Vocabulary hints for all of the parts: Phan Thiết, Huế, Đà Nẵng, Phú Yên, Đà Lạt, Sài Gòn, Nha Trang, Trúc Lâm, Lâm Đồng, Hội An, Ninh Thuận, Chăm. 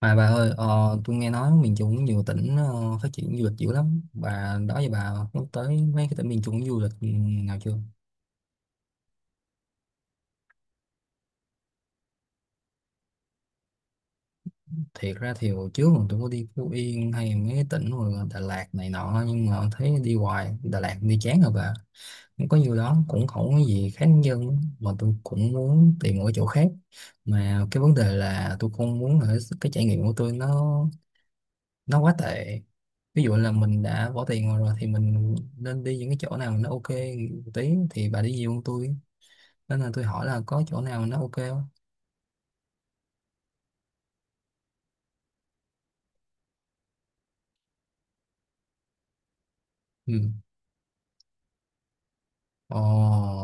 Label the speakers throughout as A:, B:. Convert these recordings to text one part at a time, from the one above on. A: Mà bà ơi, tôi nghe nói miền Trung có nhiều tỉnh phát triển du lịch dữ lắm. Bà đó giờ bà nhắc tới mấy cái tỉnh miền Trung du lịch nào chưa? Thiệt ra thì hồi trước mà tôi có đi Phú Yên hay mấy cái tỉnh mà Đà Lạt này nọ, nhưng mà thấy đi hoài Đà Lạt đi chán rồi bà. Không có nhiều đó cũng không có gì khác dân, mà tôi cũng muốn tìm một cái chỗ khác. Mà cái vấn đề là tôi không muốn là cái trải nghiệm của tôi nó quá tệ, ví dụ là mình đã bỏ tiền rồi, rồi thì mình nên đi những cái chỗ nào nó ok một tí, thì bà đi nhiều hơn tôi nên là tôi hỏi là có chỗ nào nó ok không. Ừ. Ồ.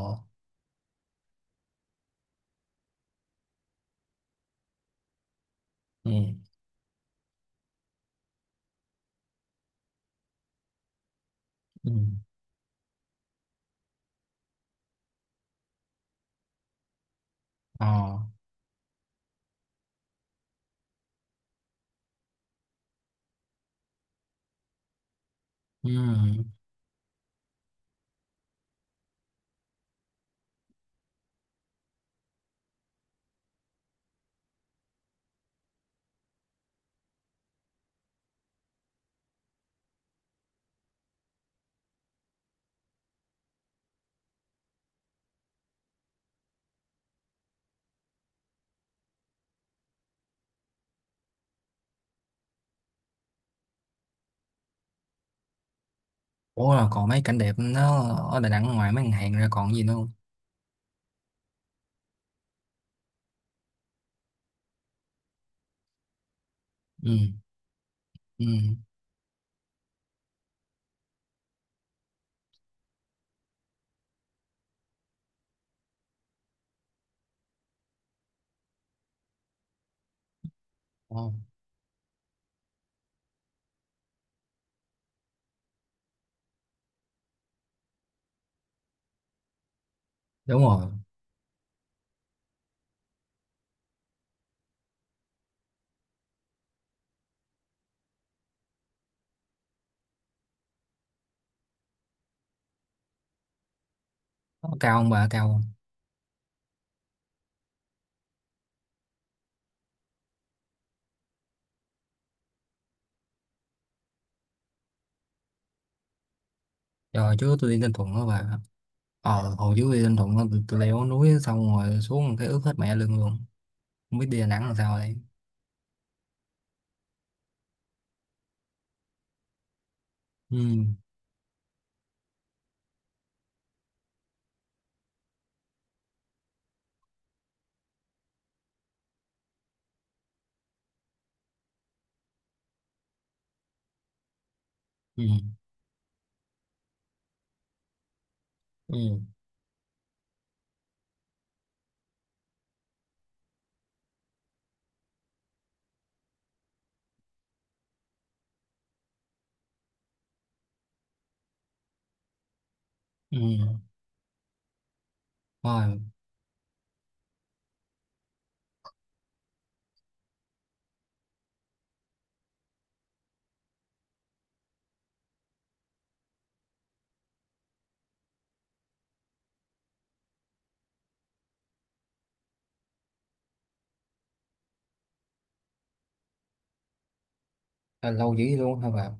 A: Ừ. Ừ. Ồ. Ừ. Ủa, là còn mấy cảnh đẹp nó ở Đà Nẵng ngoài mấy ngân hàng ra còn gì nữa không? Ừ. Ừ. Ồ, đúng rồi. Nó cao không bà, cao không? Rồi, chứ tôi đi Ninh Thuận đó bà. Hồi trước đi Ninh Thuận đó, tôi leo núi xong rồi xuống cái ướt hết mẹ lưng luôn, không biết đi Đà Nẵng làm sao đây. Ừ. Ừ. Ừ. Ừ. Rồi. Là lâu dữ luôn hả bạn?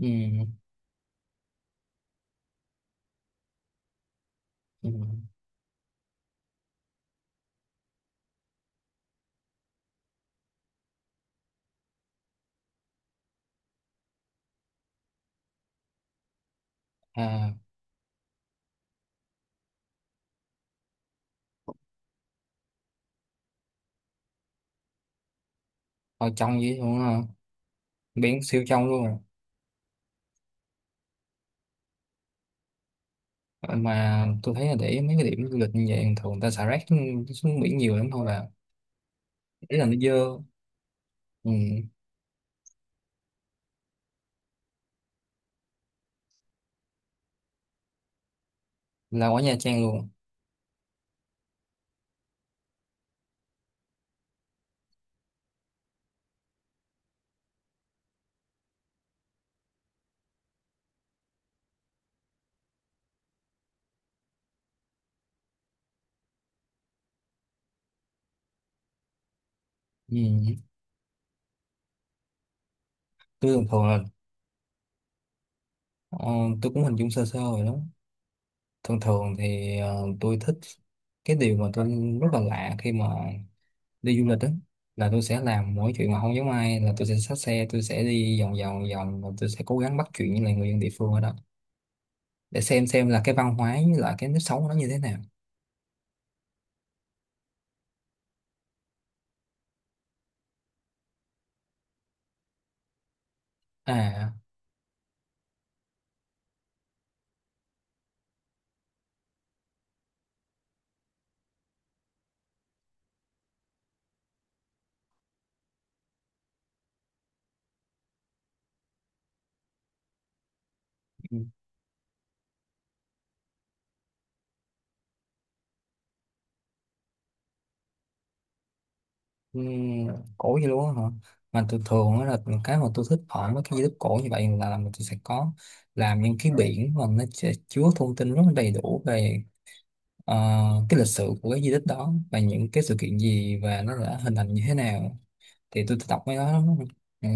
A: Ừ. Ừ. À, hồi trong dữ luôn hả? Biển siêu trong luôn rồi. Ờ, mà tôi thấy là để ý mấy cái điểm du lịch như vậy thường người ta xả rác xuống biển nhiều lắm thôi bạn. Ý là nó dơ. Ừ. Là ở Nha Trang luôn? Ừ. Tôi thường thường là ờ, tôi cũng hình dung sơ sơ rồi đó. Thường thường thì tôi thích cái điều mà tôi rất là lạ khi mà đi du lịch đó là tôi sẽ làm mỗi chuyện mà không giống ai, là tôi sẽ xách xe tôi sẽ đi vòng vòng vòng và tôi sẽ cố gắng bắt chuyện với lại người dân địa phương ở đó, để xem là cái văn hóa với lại cái nếp sống nó như thế nào. À. ừm, Cổ vậy luôn á hả? Mà tôi thường á là cái mà tôi thích ở mấy cái di tích cổ như vậy là tôi sẽ có làm những cái biển mà nó sẽ chứa thông tin rất là đầy đủ về ờ, cái lịch sử của cái di tích đó và những cái sự kiện gì và nó đã hình thành như thế nào. Thì tôi đọc mấy đó, ừ,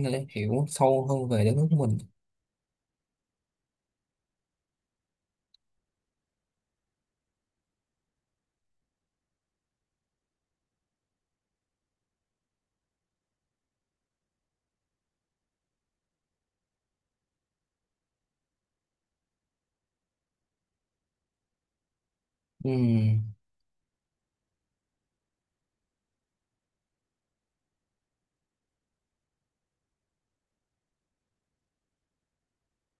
A: để hiểu sâu hơn về đất nước của mình. Ừ.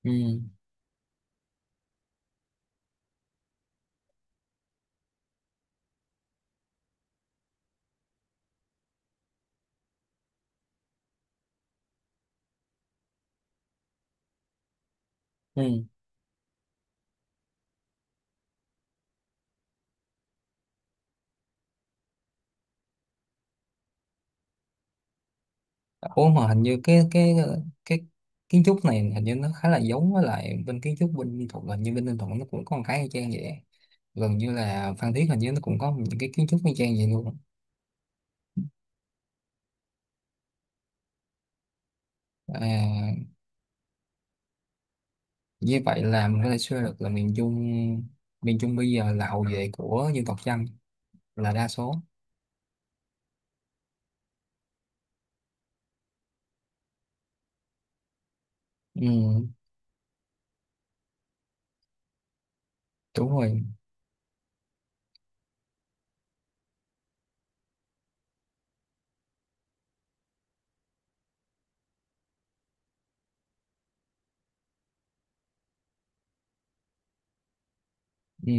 A: Ừ. Ừ. Ủa, mà hình như cái kiến trúc này, hình như nó khá là giống với lại bên kiến trúc bên Ninh Thuận, hình như bên Ninh Thuận nó cũng có một cái y chang vậy, gần như là Phan Thiết hình như nó cũng có những cái kiến trúc y chang vậy luôn. À, như vậy là mình có thể suy ra được là miền Trung bây giờ là hậu vệ của dân tộc Chăm, là đa số. Ừ, đúng rồi. Ừ.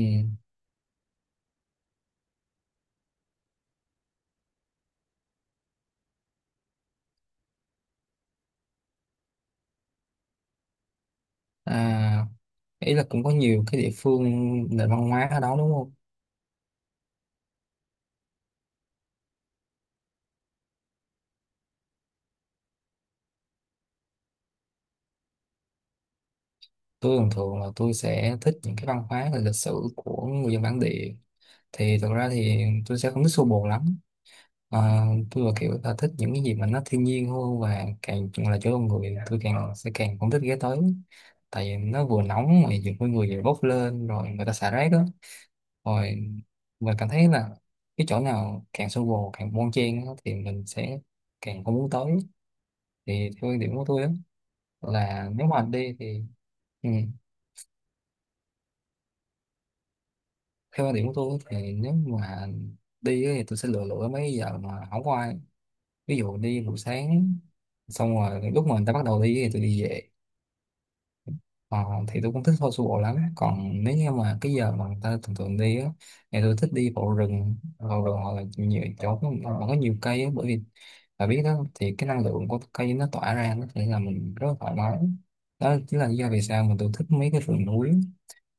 A: À, ý là cũng có nhiều cái địa phương nền văn hóa ở đó đúng không? Tôi thường thường là tôi sẽ thích những cái văn hóa và lịch sử của người dân bản địa. Thì thực ra thì tôi sẽ không thích xô bồ lắm. Ờ, tôi là kiểu là thích những cái gì mà nó thiên nhiên hơn, và càng là chỗ con người tôi càng sẽ càng không thích ghé tới, tại vì nó vừa nóng mà nhiều con người vừa bốc lên rồi người ta xả rác đó, rồi mình cảm thấy là cái chỗ nào càng xô bồ càng bon chen á, thì mình sẽ càng không muốn tới, thì theo quan điểm của tôi đó. Là nếu mà anh đi thì, ừ, theo quan điểm của tôi thì nếu mà đi ấy, thì tôi sẽ lựa lựa mấy giờ mà không có ai, ví dụ đi buổi sáng xong rồi lúc mà người ta bắt đầu đi thì tôi đi về, ờ, thì tôi cũng thích thôi su bộ lắm, còn nếu như mà cái giờ mà người ta thường thường đi á thì tôi thích đi bộ rừng, vào rừng hoặc là nhiều chỗ mà có nhiều cây á, bởi vì bà biết đó thì cái năng lượng của cây nó tỏa ra nó sẽ là mình rất là thoải mái, đó chính là lý do vì sao mà tôi thích mấy cái rừng núi.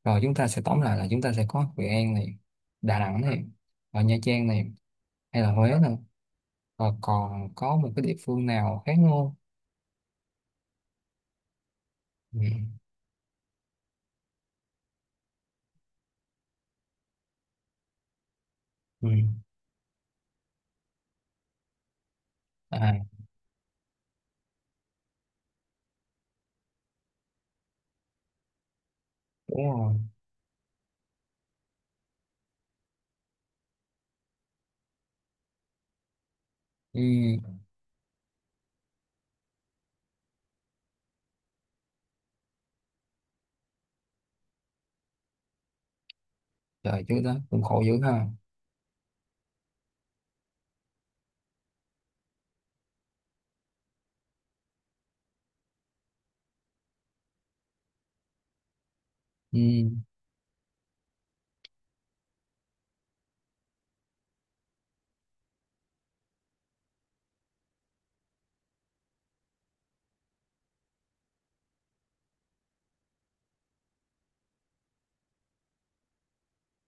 A: Rồi chúng ta sẽ tóm lại là chúng ta sẽ có Hội An này, Đà Nẵng này, ở Nha Trang này, hay là Huế này, và còn có một cái địa phương nào khác không? Ừ. Ừ. À. Đúng rồi. Ừ. Trời chứ đó cũng khổ dữ ha. Ừ.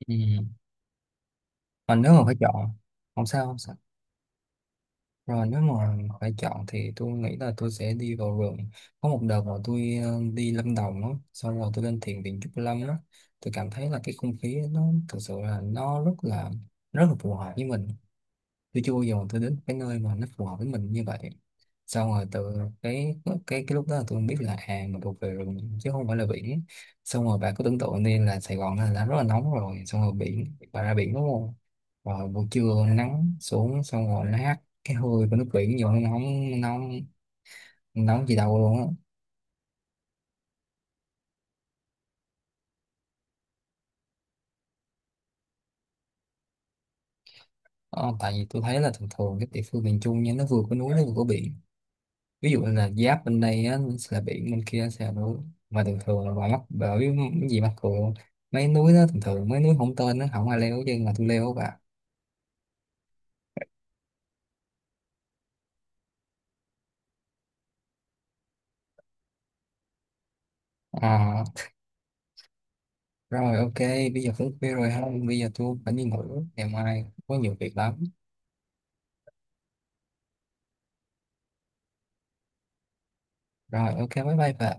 A: Ừ. Mà nếu mà phải chọn. Không sao, không sao. Rồi nếu mà phải chọn thì tôi nghĩ là tôi sẽ đi vào rừng. Có một đợt mà tôi đi Lâm Đồng đó, xong rồi tôi lên thiền viện Trúc Lâm đó, tôi cảm thấy là cái không khí nó thực sự là nó rất là phù hợp với mình. Tôi chưa bao giờ tôi đến cái nơi mà nó phù hợp với mình như vậy. Xong rồi từ cái cái lúc đó là tôi biết là à mình thuộc về rừng chứ không phải là biển. Xong rồi bà cứ tưởng tượng đi là Sài Gòn là rất là nóng, rồi xong rồi biển bà ra biển đúng không, rồi buổi trưa nắng xuống xong rồi nó hắt cái hơi của nước biển vô nó nóng nóng, nóng gì đâu luôn á. Ờ, tại vì tôi thấy là thường thường các địa phương miền Trung nha nó vừa có núi nó vừa có biển, ví dụ như là giáp bên đây á, là biển bên kia sẽ là núi, mà thường thường là ngoài mắc, bởi vì cái gì mắc cựa mấy núi đó thường thường mấy núi không tên nó không ai leo chứ mà tôi leo và. À, rồi ok, bây giờ cũng khuya rồi ha, bây giờ tôi phải đi ngủ, ngày mai có nhiều việc lắm. Rồi ok, bye bye bà.